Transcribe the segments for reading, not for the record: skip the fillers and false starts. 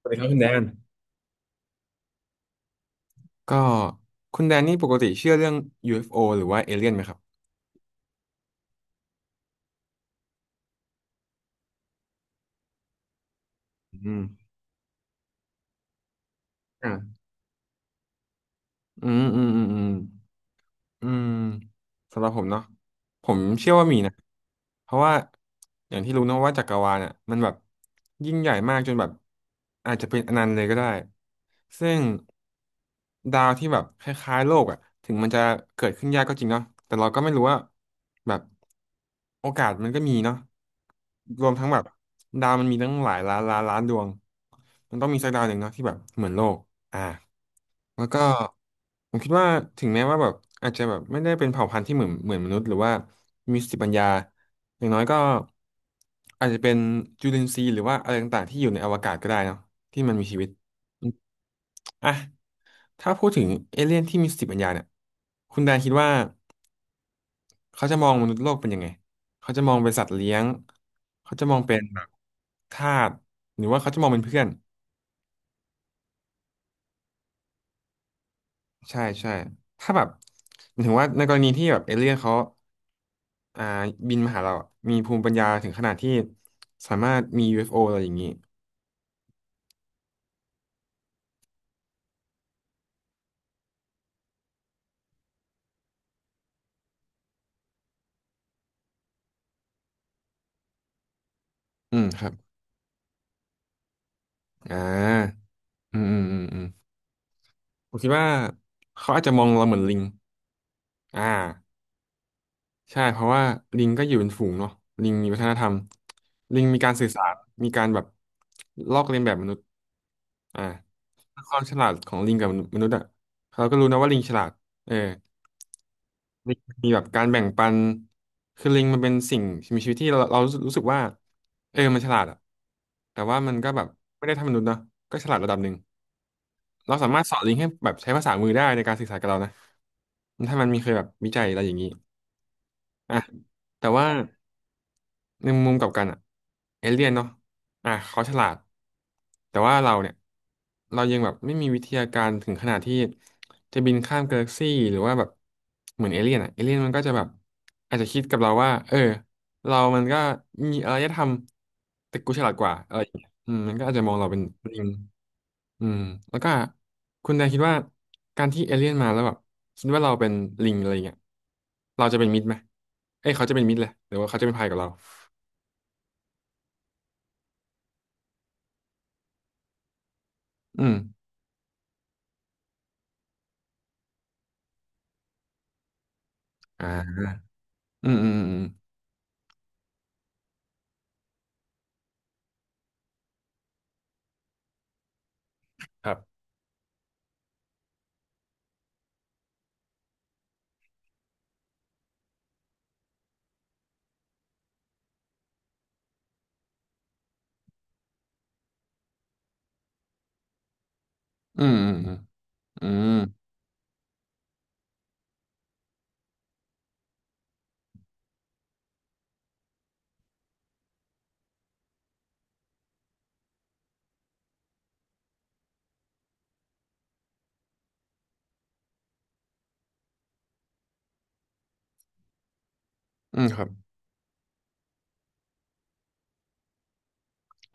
สวัสดีครับคุณแดนก็คุณแดนนี่ปกติเชื่อเรื่อง UFO หรือว่าเอเลี่ยนไหมครับอืมอ่าอืมอืมอืมอืม อืมสำหรับผมเนาะผมเชื่อว่ามีนะเพราะว่าอย่างที่รู้เนอะว่าจักรวาลเนี่ยมันแบบยิ่งใหญ่มากจนแบบอาจจะเป็นอนันต์เลยก็ได้ซึ่งดาวที่แบบคล้ายๆโลกอ่ะถึงมันจะเกิดขึ้นยากก็จริงเนาะแต่เราก็ไม่รู้ว่าแบบโอกาสมันก็มีเนาะรวมทั้งแบบดาวมันมีตั้งหลายล้านล้านล้านดวงมันต้องมีสักดาวหนึ่งเนาะที่แบบเหมือนโลกอ่า แล้วก็ผมคิดว่าถึงแม้ว่าแบบอาจจะแบบไม่ได้เป็นเผ่าพันธุ์ที่เหมือนมนุษย์หรือว่ามีสติปัญญาอย่างน้อยก็อาจจะเป็นจุลินทรีย์หรือว่าอะไรต่างๆที่อยู่ในอวกาศก็ได้เนาะที่มันมีชีวิตอืมอ่ะถ้าพูดถึงเอเลี่ยนที่มีสติปัญญาเนี่ยคุณแดนคิดว่าเขาจะมองมนุษย์โลกเป็นยังไงเขาจะมองเป็นสัตว์เลี้ยงเขาจะมองเป็นแบบทาสหรือว่าเขาจะมองเป็นเพื่อนใช่ใช่ถ้าแบบหมายถึงว่าในกรณีที่แบบเอเลี่ยนเขา อ่าบินมาหาเราอะมีภูมิปัญญาถึงขนาดที่สามารถมี UFO อฟโออะไรอย่างนี้ อืมครับอ่าอืม อืม อืม อืมผมคิดว่าเขาอาจจะมองเราเหมือนลิง อ่าใช่เพราะว่าลิงก็อยู่เป็นฝูงเนาะลิงมีวัฒนธรรมลิงมีการสื่อสารมีการแบบลอกเลียนแบบมนุษย์อ่าความฉลาดของลิงกับมนุษย์อะเราก็รู้นะว่าลิงฉลาดเออ มีมีแบบการแบ่งปัน คือลิงมันเป็นสิ่งมีชีวิตที่เรารู้สึกว่าเออมันฉลาดอะแต่ว่ามันก็แบบไม่ได้เทำมนุษย์เนาะก็ฉลาดระดับหนึ่ง เราสามารถสอนลิงให้แบบใช้ภาษามือได้ในการสื่อสารกับเรานะถ้ามันมีเคยแบบวิจัยอะไรอย่างนี้อ่ะแต่ว่า ในมุมกลับกันอะเอเลี่ยนเนาะอ่ะเขาฉลาดแต่ว่าเราเนี่ยเรายังแบบไม่มีวิทยาการถึงขนาดที่จะบินข้ามกาแล็กซี่หรือว่าแบบเหมือนเอเลี่ยนอะเอเลี่ยนมันก็จะแบบอาจจะคิดกับเราว่าเออเรามันก็มีอารยธรรมแต่กูฉลาดกว่าอะไรอย่างเงี้ยอืมมันก็อาจจะมองเราเป็นลิงอืมแล้วก็คุณนายคิดว่าการที่เอเลี่ยนมาแล้วแบบคิดว่าเราเป็นลิงอะไรเงี้ยเราจะเป็นมิตรไหมเอ้ยเขาจะเป็นมิตรเลยหรือว่าเขาจะเป็นภัยกับเราอืม อ่าอืม อืมอืมครับอืมอืมอืมอืมอืมครับ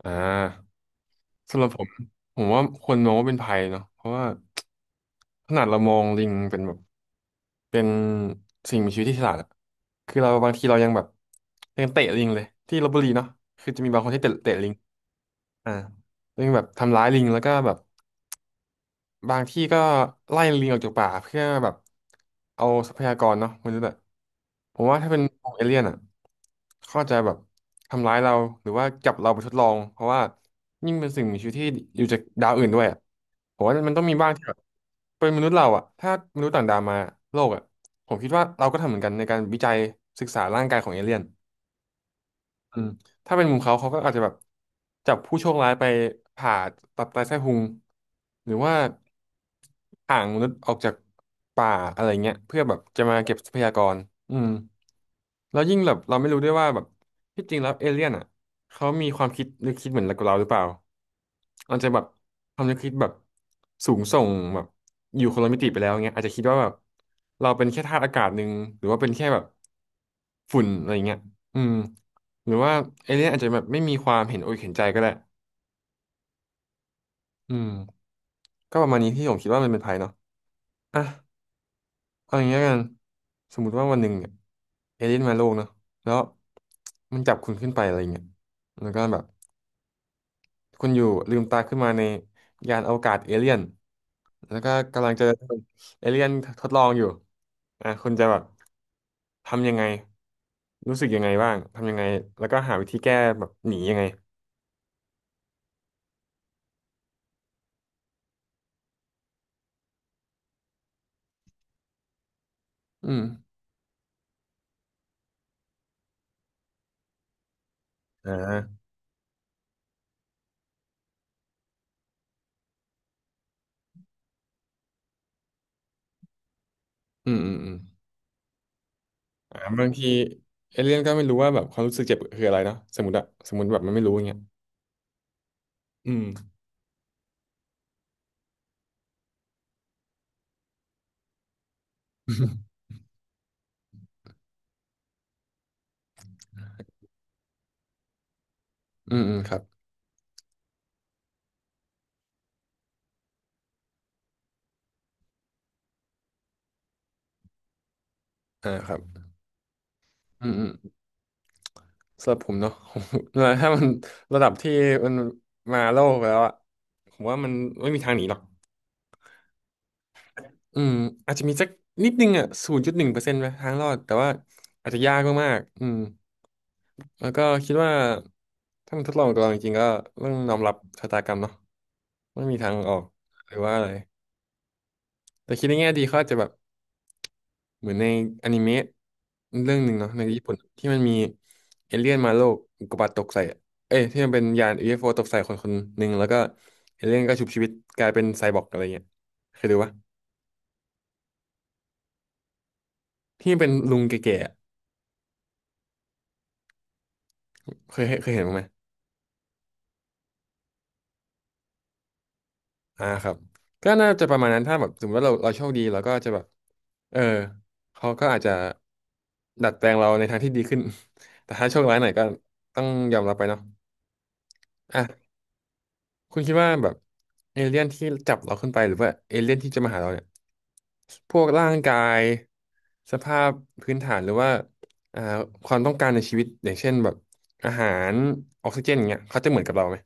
อ่าสำหรับผมผมว่าควรมองว่าเป็นภัยเนาะเพราะว่าขนาดเรามองลิงเป็นแบบเป็นสิ่งมีชีวิตที่ฉลาดอะคือเราบางทีเรายังแบบยังเตะลิงเลยที่ลพบุรีเนาะคือจะมีบางคนที่เตะลิงอ่ายังแบบทำร้ายลิงแล้วก็แบบ บางที่ก็ไล่ลิงออกจากป่าเพื่อแบบเอาทรัพยากรเนาะมนุษย์อะผมว่าถ้าเป็นพวกเอเลี่ยนอะเขาอาจจะแบบทำร้ายเราหรือว่าจับเราไปทดลองเพราะว่ายิ่งเป็นสิ่งมีชีวิตที่อยู่จากดาวอื่นด้วยอะผมว่ามันต้องมีบ้างที่แบบเป็นมนุษย์เราอะถ้ามนุษย์ต่างดาวมาโลกอะผมคิดว่าเราก็ทำเหมือนกันในการวิจัยศึกษาร่างกายของเอเลี่ยน อืมถ้าเป็นมุมเขาเขาก็อาจจะแบบจับผู้โชคร้ายไปผ่าตับไตไส้พุงหรือว่าห่างมนุษย์ออกจากป่าอะไรเงี้ยเพื่อแบบจะมาเก็บทรัพยากรอืมแล้วยิ่งแบบเราไม่รู้ด้วยว่าแบบที่จริงแล้วเอเลี่ยนอ่ะเขามีความคิดนึกคิดเหมือนกับเราหรือเปล่าอาจจะแบบความนึกคิดแบบสูงส่งแบบอยู่คนละมิติไปแล้วเงี้ยอาจจะคิดว่าแบบเราเป็นแค่ธาตุอากาศหนึ่งหรือว่าเป็นแค่แบบฝุ่นอะไรเงี้ยอืม หรือว่าเอเลี่ยนอาจจะแบบไม่มีความเห็นอกเห็นใจก็ได้อืมก็ประมาณนี้ที่ผมคิดว่ามันเป็นภัยเนาะอ่ะเอาอย่างนี้แล้วกันสมมุติว่าวันหนึ่งเนี่ยเอเลี่ยนมาโลกเนาะแล้วมันจับคุณขึ้นไปอะไรเงี้ยแล้วก็แบบคุณอยู่ลืมตาขึ้นมาในยานอวกาศเอเลี่ยนแล้วก็กำลังจะเอเลี่ยนทดลองอยู่อ่ะคุณจะแบบทำยังไง รู้สึกยังไงบ้าง ทำยังไงแล้วก็หาวิธีแก้แบบหนียังไงอืมอ่าอืมอืมอืม อ่าบางทีเอเลี่ยนก็ไม่รู้ว่าแบบความรู้สึกเจ็บคืออะไรเนาะสมมติอะสมมติแบบมันไม่รู้อย่างเงี้ยอืม อืมอืมครับอ่าครับอืมอืมสำหรับผมเนาะ ผมถ้ามันระดับที่มันมาโลกแล้วอะผมว่ามันไม่มีทางหนีหรอกอืมอาจจะมีสักนิดนึงอะ0.1%ไหมทางรอดแต่ว่าอาจจะยากมากๆอืมแล้วก็คิดว่าถ้ามันทดลองกับเราจริงๆก็ต้องยอมรับชะตากรรมเนาะไม่มีทางออกหรือว่าอะไรแต่คิดในแง่ดีเขาอาจจะแบบ เหมือนในอนิเมะเรื่องหนึ่งเนาะในญี่ปุ่นที่มันมีเอเลี่ยนมาโลกอุกกาบาตตกใส่อะเอ้ยที่มันเป็นยานยูเอฟโอตกใส่คนคนหนึ่งแล้วก็เอเลี่ยนก็ชุบชีวิตกลายเป็นไซบอร์กอะไรเงี้ยเคยดูปะที่มันเป็นลุงแก่ๆอะเคยเห็นบ้างไหมอ่าครับก็น่าจะประมาณนั้นถ้าแบบสมมติว่าเราโชคดีเราก็จะแบบเออเขาก็อาจจะดัดแปลงเราในทางที่ดีขึ้น แต่ถ้าโชคร้ายหน่อยก็ต้องยอมรับไปเนาะอ่ะ คุณคิดว่าแบบเอเลี่ยนที่จับเราขึ้นไปหรือว่าเอเลี่ยนที่จะมาหาเราเนี่ยพวกร่างกายสภาพพื้นฐานหรือว่าอ่าความต้องการในชีวิตอย่างเช่นแบบอาหารออกซิเจนอย่างเงี้ยเขาจะเหมือนกับเราไหม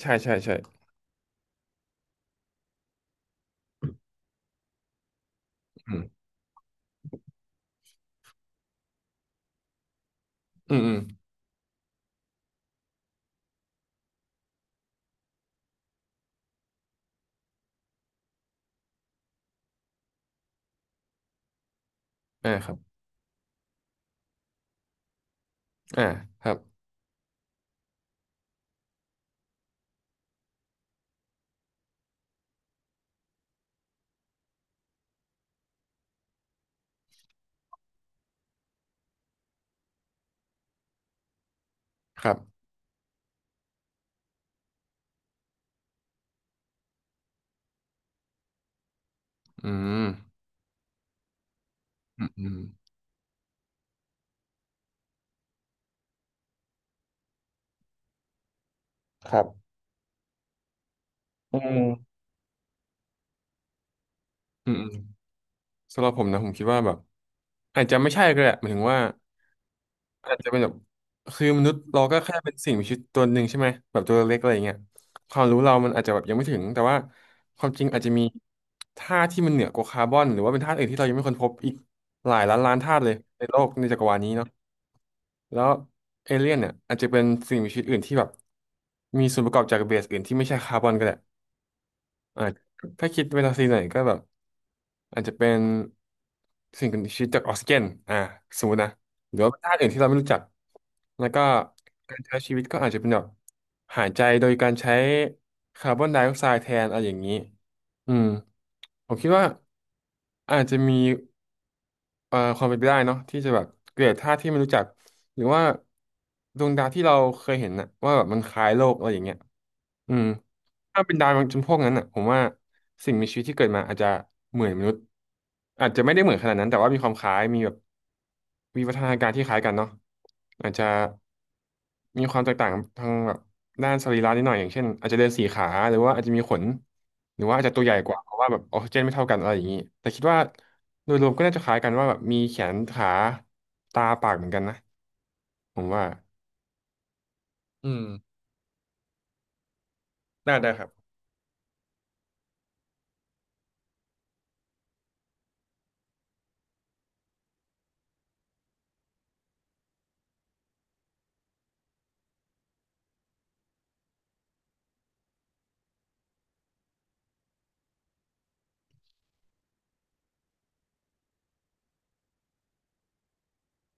ใช่ใช่ใช่อืมอืมอืมอ่าครับอ่าครับครับอืมอืมครับอืมอืมอืมสำหรับผมนะผมคิดว่าแบบอาจจะไม่ใช่ก็ได้หมายถึงว่า อาจจะเป็นแบบคือมนุษย์เราก็แค่เป็นสิ่งมีชีวิตตัวหนึ่งใช่ไหมแบบตัวเล็กอะไรอย่างเงี้ยความรู้เรามันอาจจะแบบยังไม่ถึงแต่ว่าความจริงอาจจะมีธาตุที่มันเหนือกว่าคาร์บอนหรือว่าเป็นธาตุอื่นที่เรายังไม่ค้นพบอีกหลายล้านล้านธาตุเลยในโลกในจักรวาลนี้เนาะแล้วเอเลี่ยนเนี่ยอาจจะเป็นสิ่งมีชีวิตอื่นที่แบบมีส่วนประกอบจากเบสอื่นที่ไม่ใช่คาร์บอนก็ได้อ่าถ้าคิดเวลาซีหน่อยก็แบบ อาจจะเป็นสิ่งมีชีวิตจากออกซิเจนอ่าสมมตินะหรือว่าธาตุอื่นที่เราไม่รู้จักแล้วก็การใช้ชีวิตก็อาจจะเป็นแบบหายใจโดยการใช้คาร์บอนไดออกไซด์แทนอะไรอย่างนี้อืมผมคิดว่าอาจจะมีความเป็นไปได้เนาะที่จะแบบเกิดธาตุที่ไม่รู้จักหรือว่าดวงดาวที่เราเคยเห็นนะว่าแบบมันคล้ายโลกอะไรอย่างเงี้ย อืมถ้าเป็นดาวจำพวกนั้นอ่ะผมว่าสิ่งมีชีวิตที่เกิดมาอาจจะเหมือนมนุษย์อาจจะไม่ได้เหมือนขนาดนั้นแต่ว่ามีความคล้ายมีแบบวิวัฒนาการที่คล้ายกันเนาะอาจจะมีความแตกต่างทางแบบด้านสรีระนิดหน่อยอย่างเช่นอาจจะเดินสี่ขาหรือว่าอาจจะมีขนหรือว่าอาจจะตัวใหญ่กว่าเพราะว่าแบบออกซิเจนไม่เท่ากันอะไรอย่างนี้แต่คิดว่าโดยรวมก็น่าจะคล้ายกันว่าแบบมีแขนขาตาปากเหมือนกันนะผมว่าอืมได้ได้ครับ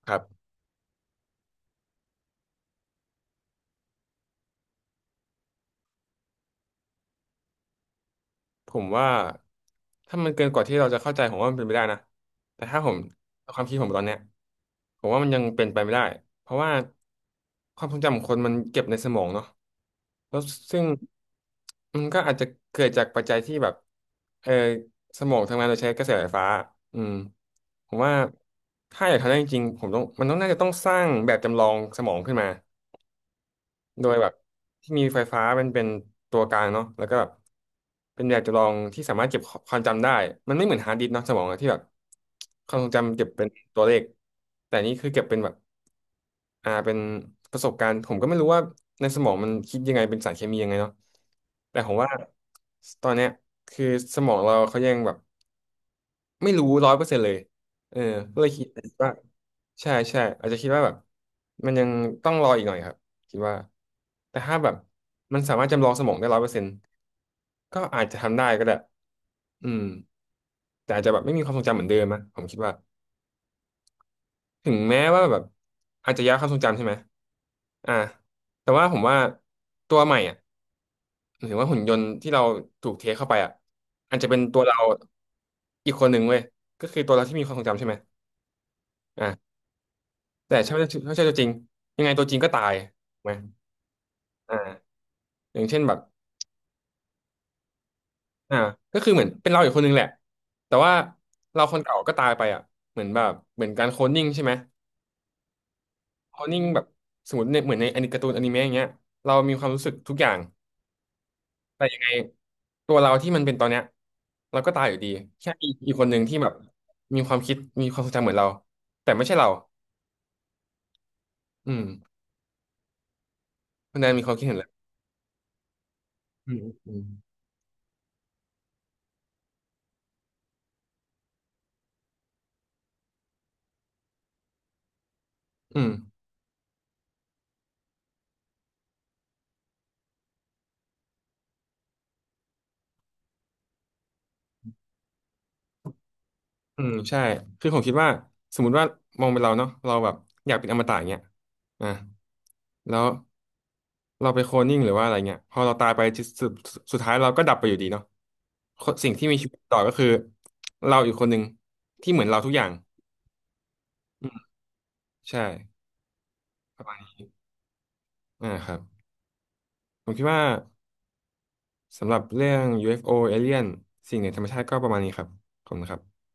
ครับ ผมว่าถ้ามันเกินกว่าที่เราจะเข้าใจผมว่ามันเป็นไปได้นะแต่ถ้าผมความคิดผมตอนเนี้ยผมว่ามันยังเป็นไปไม่ได้เพราะว่าความทรงจำของคนมันเก็บในสมองเนาะแล้วซึ่งมันก็อาจจะเกิดจากปัจจัยที่แบบเออสมองทำงานโดยใช้กระแสไฟฟ้าอืมผมว่าถ้าอยากทำได้จริงๆผมต้องมันต้องน่าจะต้องสร้างแบบจำลองสมองขึ้นมา โดยแบบที่มีไฟฟ้าเป็นตัวกลางเนาะแล้วก็แบบเป็นแบบจำลองที่สามารถเก็บความจำได้มันไม่เหมือนฮาร์ดดิสก์เนาะสมองอะที่แบบความทรงจำเก็บเป็นตัวเลขแต่นี่คือเก็บเป็นแบบอ่าเป็นประสบการณ์ผมก็ไม่รู้ว่าในสมองมันคิดยังไงเป็นสารเคมียังไงเนาะแต่ผมว่าตอนเนี้ยคือสมองเราเขายังแบบ ไม่รู้ร้อยเปอร์เซ็นต์เลยเออก็เลยคิดว่าใช่ใช่อาจจะคิดว่าแบบมันยังต้องรออีกหน่อยครับคิดว่าแต่ถ้าแบบมันสามารถจำลองสมองได้ร้อยเปอร์เซ็นต์ก็อาจจะทำได้ก็ได้อืมแต่อาจจะแบบไม่มีความทรงจำเหมือนเดิมนะผมคิดว่าถึงแม้ว่าแบบอาจจะย้ายความทรงจำใช่ไหมอ่าแต่ว่าผมว่าตัวใหม่อ่ะหรือว่าหุ่นยนต์ที่เราถูกเทคเข้าไปอ่ะอาจจะเป็นตัวเราอีกคนหนึ่งเว้ยก็คือตัวเราที่มีความทรงจำใช่ไหม แต่ถ้าใช่ตัวจริงยังไงตัวจริงก็ตายถูกไหมอ่าอย่างเช่นแบบอ่าก็คือเหมือนเป็นเราอีกคนนึงแหละแต่ว่าเราคนเก่าก็ตายไปอ่ะเหมือนแบบเหมือนการโคลนนิ่งใช่ไหมโคลนนิ่งแบบสมมติในเหมือนในอนิการ์ตูนอนิเมะอย่างเงี้ยเรามีความรู้สึกทุกอย่างแต่ยังไงตัวเราที่มันเป็นตอนเนี้ยเราก็ตายอยู่ดีแค่มีอีกคนหนึ่งที่แบบมีความคิดมีความทรงจำเหมือนเราแต่ไม่ใช่เราอืมคุณแดนมีความคิดเห็นอะไรอืมอืมอืม อืมใช่คือผมคิดว่าสมมติว่ามองเป็นเราเนาะเราแบบอยากเป็นอมตะอย่างเงี้ยอ่ะแล้วเราไปโคลนนิ่งหรือว่าอะไรเงี้ยพอเราตายไปจุดสุดสุดท้ายเราก็ดับไปอยู่ดีเนาะคนสิ่งที่มีชีวิตต่อก็คือเราอีกคนหนึ่งที่เหมือนเราทุกอย่างอืมใช่ประมาณนี้อ่าครับผมคิดว่าสำหรับเรื่อง UFO a l i ย n สิ่งเหนือธรรมชาติก็ประมาณนี้ครับขอบคุณครับ